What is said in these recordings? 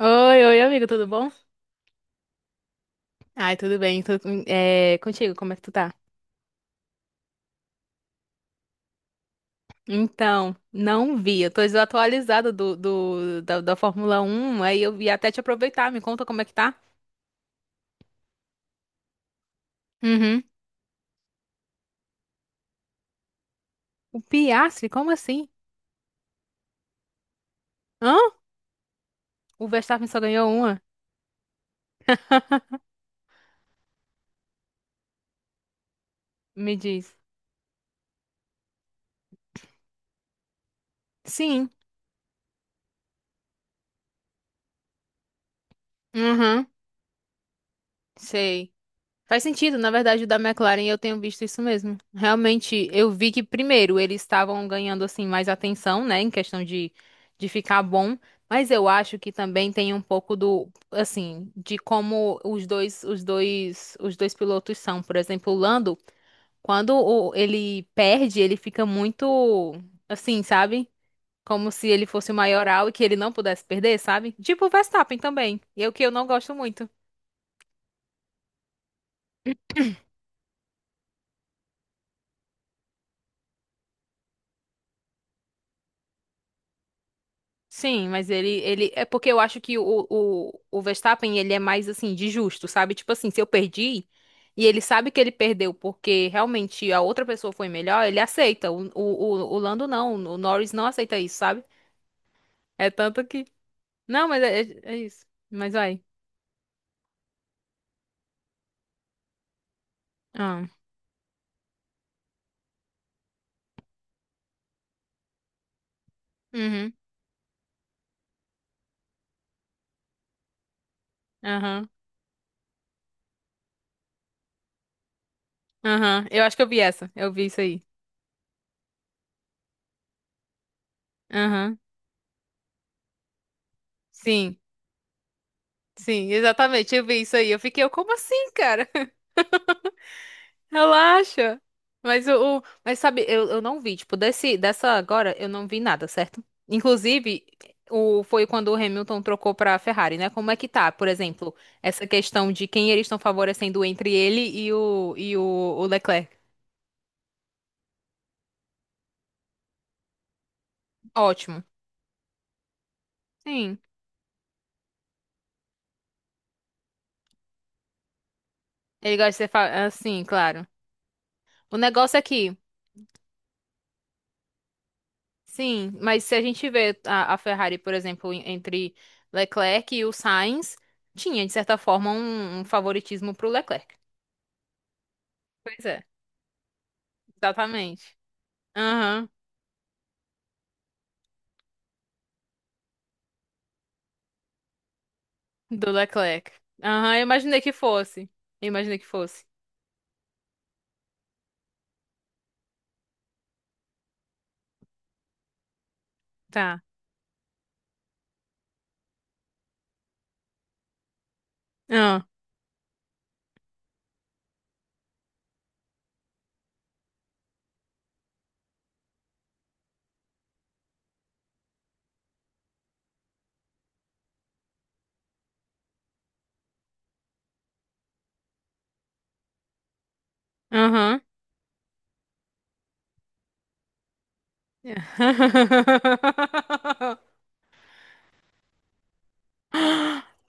Oi, oi, amigo, tudo bom? Ai, tudo bem, tudo, contigo, como é que tu tá? Então, não vi, eu tô desatualizada da Fórmula Um. Aí eu ia até te aproveitar, me conta como é que tá? Uhum. O Piastri, como assim? Hã? O Verstappen só ganhou uma? Me diz. Sim. Uhum, sei. Faz sentido, na verdade, o da McLaren eu tenho visto isso mesmo. Realmente, eu vi que primeiro eles estavam ganhando assim mais atenção, né, em questão de ficar bom, mas eu acho que também tem um pouco do assim, de como os dois pilotos são, por exemplo, o Lando, quando ele perde, ele fica muito assim, sabe? Como se ele fosse o maioral e que ele não pudesse perder, sabe? Tipo o Verstappen também, e é o que eu não gosto muito. Sim, mas ele. É porque eu acho que o Verstappen, ele é mais assim, de justo, sabe? Tipo assim, se eu perdi e ele sabe que ele perdeu porque realmente a outra pessoa foi melhor, ele aceita. O Lando não, o Norris não aceita isso, sabe? É tanto que. Não, mas é isso. Mas vai. Ah. Uhum. Aham. Aham. Eu acho que eu vi essa. Eu vi isso aí. Aham. Sim, sim, exatamente. Eu vi isso aí. Eu fiquei, como assim, cara? Relaxa. Mas mas sabe, eu não vi, tipo, desse dessa agora eu não vi nada, certo? Inclusive, o foi quando o Hamilton trocou pra Ferrari, né? Como é que tá, por exemplo, essa questão de quem eles estão favorecendo entre ele e o Leclerc? Ótimo. Sim. Ele gosta de ser assim, claro. O negócio é que, sim, mas se a gente vê a Ferrari, por exemplo, entre Leclerc e o Sainz, tinha de certa forma um favoritismo pro Leclerc. Pois é. Exatamente. Aham. Do Leclerc. Aham, eu imaginei que fosse. Eu imaginei que fosse. Tá. Ah. Aham.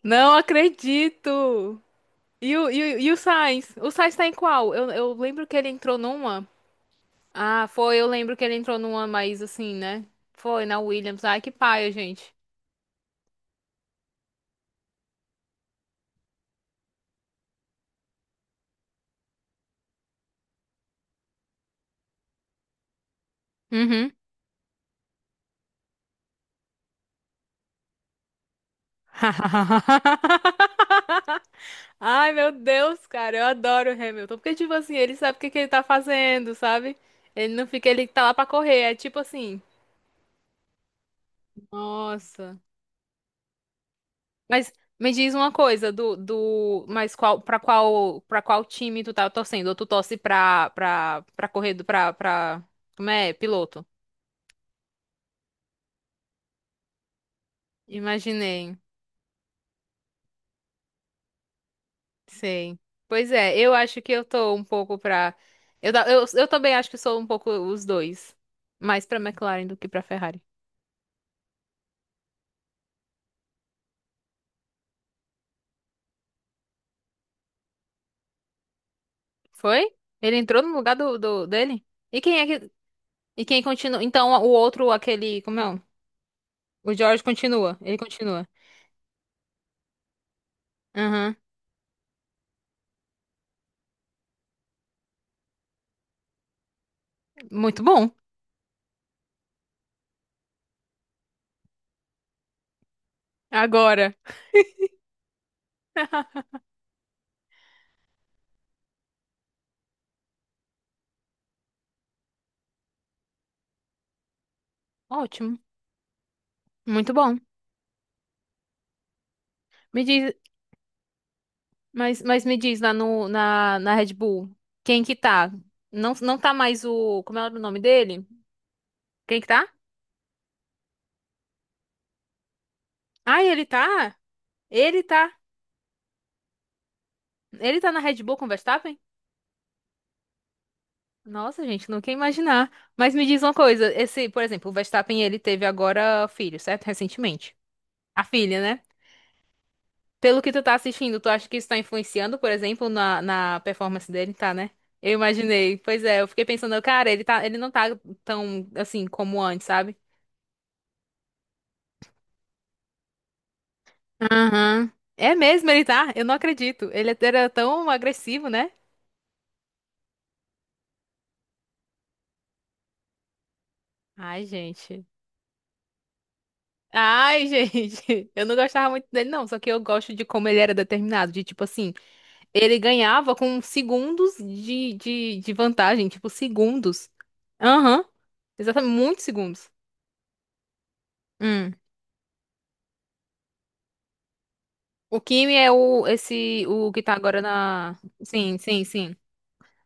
Não acredito! E o Sainz? O Sainz tá em qual? Eu lembro que ele entrou numa. Ah, foi, eu lembro que ele entrou numa, mas assim, né? Foi na Williams. Ai, que paia, gente. Uhum. Ai, meu Deus, cara, eu adoro o Hamilton. Porque, tipo assim, ele sabe o que que ele tá fazendo, sabe? Ele não fica, ele tá lá pra correr. É tipo assim, nossa. Mas me diz uma coisa, mas qual, pra qual time tu tá torcendo? Ou tu torce pra correr, como é? Piloto. Imaginei. Sim. Pois é, eu acho que eu tô um pouco pra. Eu também acho que sou um pouco os dois. Mais pra McLaren do que pra Ferrari. Foi? Ele entrou no lugar do dele? E quem é que. E quem continua? Então o outro, aquele. Como é? O George continua. Ele continua. Aham. Muito bom. Agora. Ótimo. Muito bom. Me diz. Mas me diz lá no, na, na Red Bull. Quem que tá? Não, não tá mais o. Como é o nome dele? Quem que tá? Ah, ele tá? Ele tá. Ele tá na Red Bull com o Verstappen? Nossa, gente, não quer imaginar. Mas me diz uma coisa, esse, por exemplo, o Verstappen, ele teve agora filho, certo? Recentemente. A filha, né? Pelo que tu tá assistindo, tu acha que isso tá influenciando, por exemplo, na performance dele, tá, né? Eu imaginei. Pois é, eu fiquei pensando, cara, ele não tá tão assim como antes, sabe? Aham. É mesmo, ele tá? Eu não acredito. Ele era tão agressivo, né? Ai, gente. Ai, gente, eu não gostava muito dele, não. Só que eu gosto de como ele era determinado. De tipo assim, ele ganhava com segundos de vantagem. Tipo, segundos. Aham. Exatamente, muitos segundos. Hum. O Kimi é o, esse, o que tá agora na. Sim, sim, sim.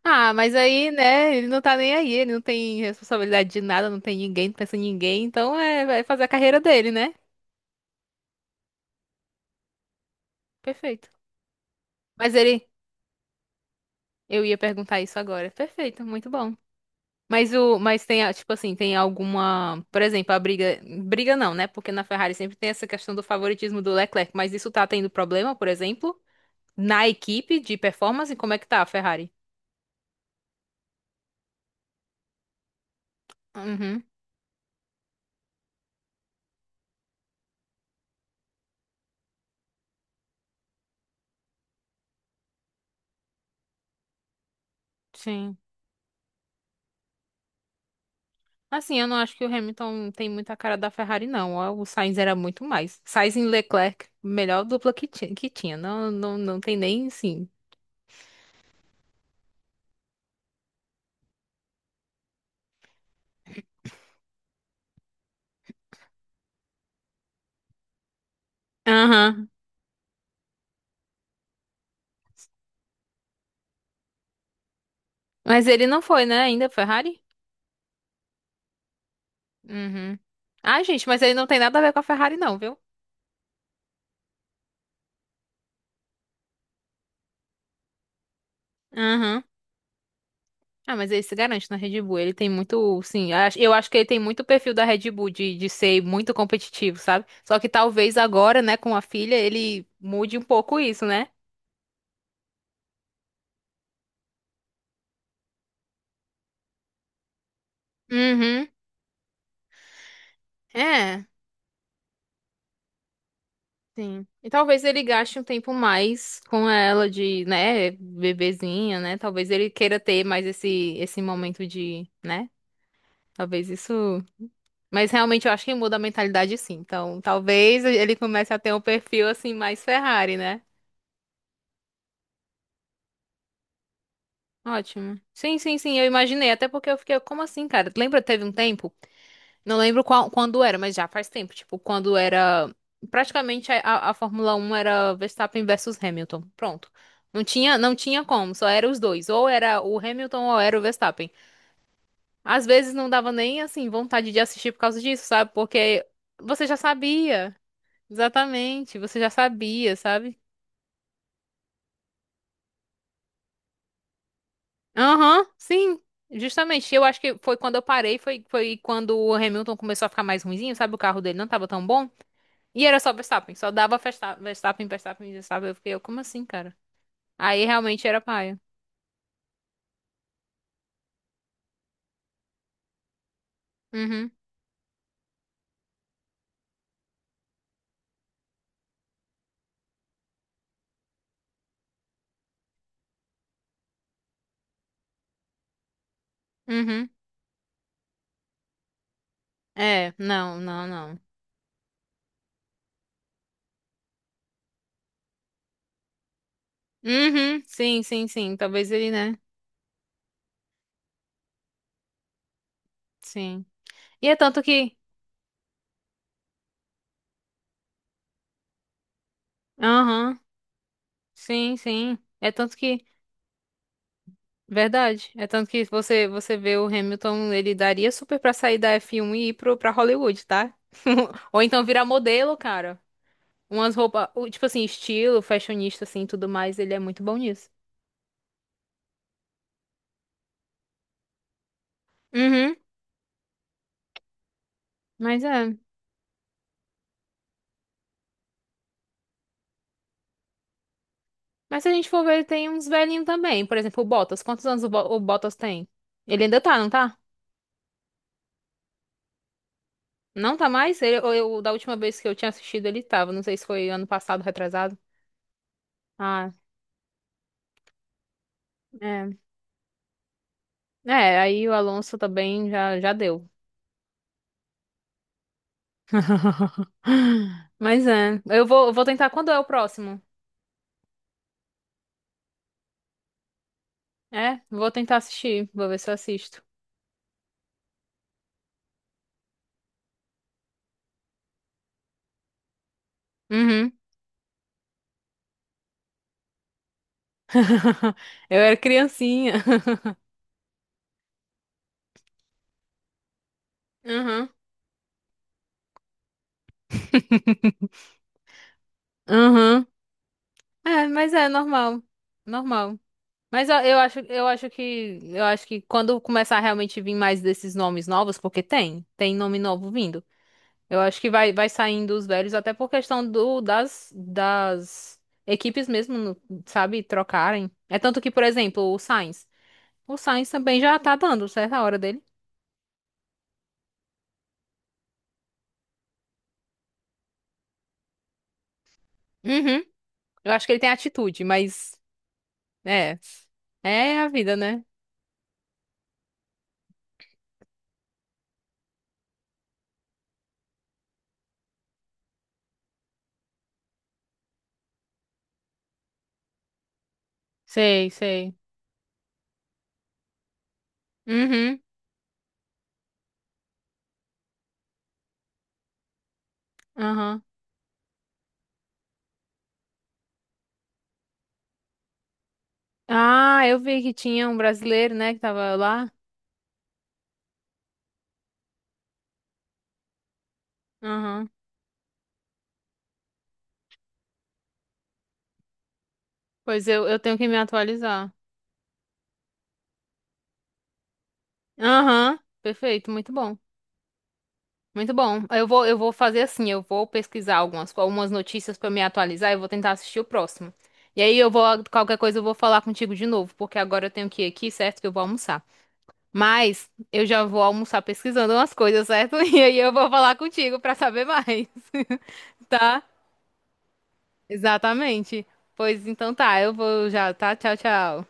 Ah, mas aí, né, ele não tá nem aí. Ele não tem responsabilidade de nada, não tem ninguém, não pensa em ninguém. Então é, vai fazer a carreira dele, né? Perfeito. Mas ele. Eu ia perguntar isso agora. Perfeito, muito bom. Mas tem, tipo assim, tem alguma, por exemplo, a briga, briga não, né? Porque na Ferrari sempre tem essa questão do favoritismo do Leclerc, mas isso tá tendo problema, por exemplo, na equipe de performance, como é que tá a Ferrari? Uhum, sim. Assim, eu não acho que o Hamilton tem muita cara da Ferrari, não. O Sainz era muito mais. Sainz e Leclerc, melhor dupla que tinha, que tinha. Não, não, não tem nem, sim. Aham. Mas ele não foi, né, ainda, Ferrari? Uhum. Ah, gente, mas ele não tem nada a ver com a Ferrari, não, viu? Aham. Ah, mas ele se garante na Red Bull. Ele tem muito, sim, eu acho que ele tem muito o perfil da Red Bull de, ser muito competitivo, sabe? Só que talvez agora, né, com a filha, ele mude um pouco isso, né? Uhum. É, sim. E talvez ele gaste um tempo mais com ela de, né, bebezinha, né? Talvez ele queira ter mais esse momento de, né? Talvez isso. Mas realmente eu acho que muda a mentalidade sim. Então, talvez ele comece a ter um perfil assim mais Ferrari, né? Ótimo. Sim, sim, sim, eu imaginei. Até porque eu fiquei, como assim, cara? Lembra, teve um tempo, não lembro qual, quando era, mas já faz tempo. Tipo, quando era. Praticamente a Fórmula Um era Verstappen versus Hamilton. Pronto. Não tinha como, só era os dois. Ou era o Hamilton ou era o Verstappen. Às vezes não dava nem, assim, vontade de assistir por causa disso, sabe? Porque você já sabia. Exatamente, você já sabia, sabe? Aham, sim, justamente. Eu acho que foi quando eu parei, foi quando o Hamilton começou a ficar mais ruinzinho, sabe? O carro dele não tava tão bom. E era só Verstappen, só dava Verstappen, Verstappen, Verstappen. Eu fiquei, como assim, cara? Aí realmente era paia. Uhum, uhum. É, não, não, não. Uhum, sim, sim, sim. Talvez ele, né? Sim. E é tanto que. Aham, sim, sim. É tanto que. Verdade. É tanto que você vê o Hamilton, ele daria super pra sair da F1 e ir pra Hollywood, tá? Ou então virar modelo, cara. Umas roupas, tipo assim, estilo, fashionista, assim, tudo mais, ele é muito bom nisso. Uhum, mas é. Mas se a gente for ver, ele tem uns velhinhos também. Por exemplo, o Bottas. Quantos anos o Bottas tem? Ele ainda tá, não tá? Não tá mais? Ele, ou eu, da última vez que eu tinha assistido, ele tava. Não sei se foi ano passado, retrasado. Ah, é. É, aí o Alonso também já deu. Mas é. Eu vou tentar. Quando é o próximo? É, vou tentar assistir. Vou ver se eu assisto. Uhum. Eu era criancinha. Uhum. Uhum. É, mas é normal. Normal. Mas eu acho que quando começar a realmente vir mais desses nomes novos, porque tem nome novo vindo. Eu acho que vai, saindo os velhos, até por questão do, das equipes mesmo, sabe, trocarem. É tanto que, por exemplo, o Sainz. O Sainz também já tá dando certa hora dele. Uhum. Eu acho que ele tem atitude, mas é, é a vida, né? Sei, sei. Uhum. Aham. Ah, eu vi que tinha um brasileiro, né, que tava lá. Aham. Pois eu tenho que me atualizar. Aham. Perfeito, muito bom. Muito bom. Eu vou fazer assim, eu vou pesquisar algumas notícias pra me atualizar e vou tentar assistir o próximo. E aí eu vou, qualquer coisa eu vou falar contigo de novo, porque agora eu tenho que ir aqui, certo? Que eu vou almoçar. Mas eu já vou almoçar pesquisando umas coisas, certo? E aí eu vou falar contigo pra saber mais, tá? Exatamente. Pois então tá, eu vou já, tá? Tchau, tchau.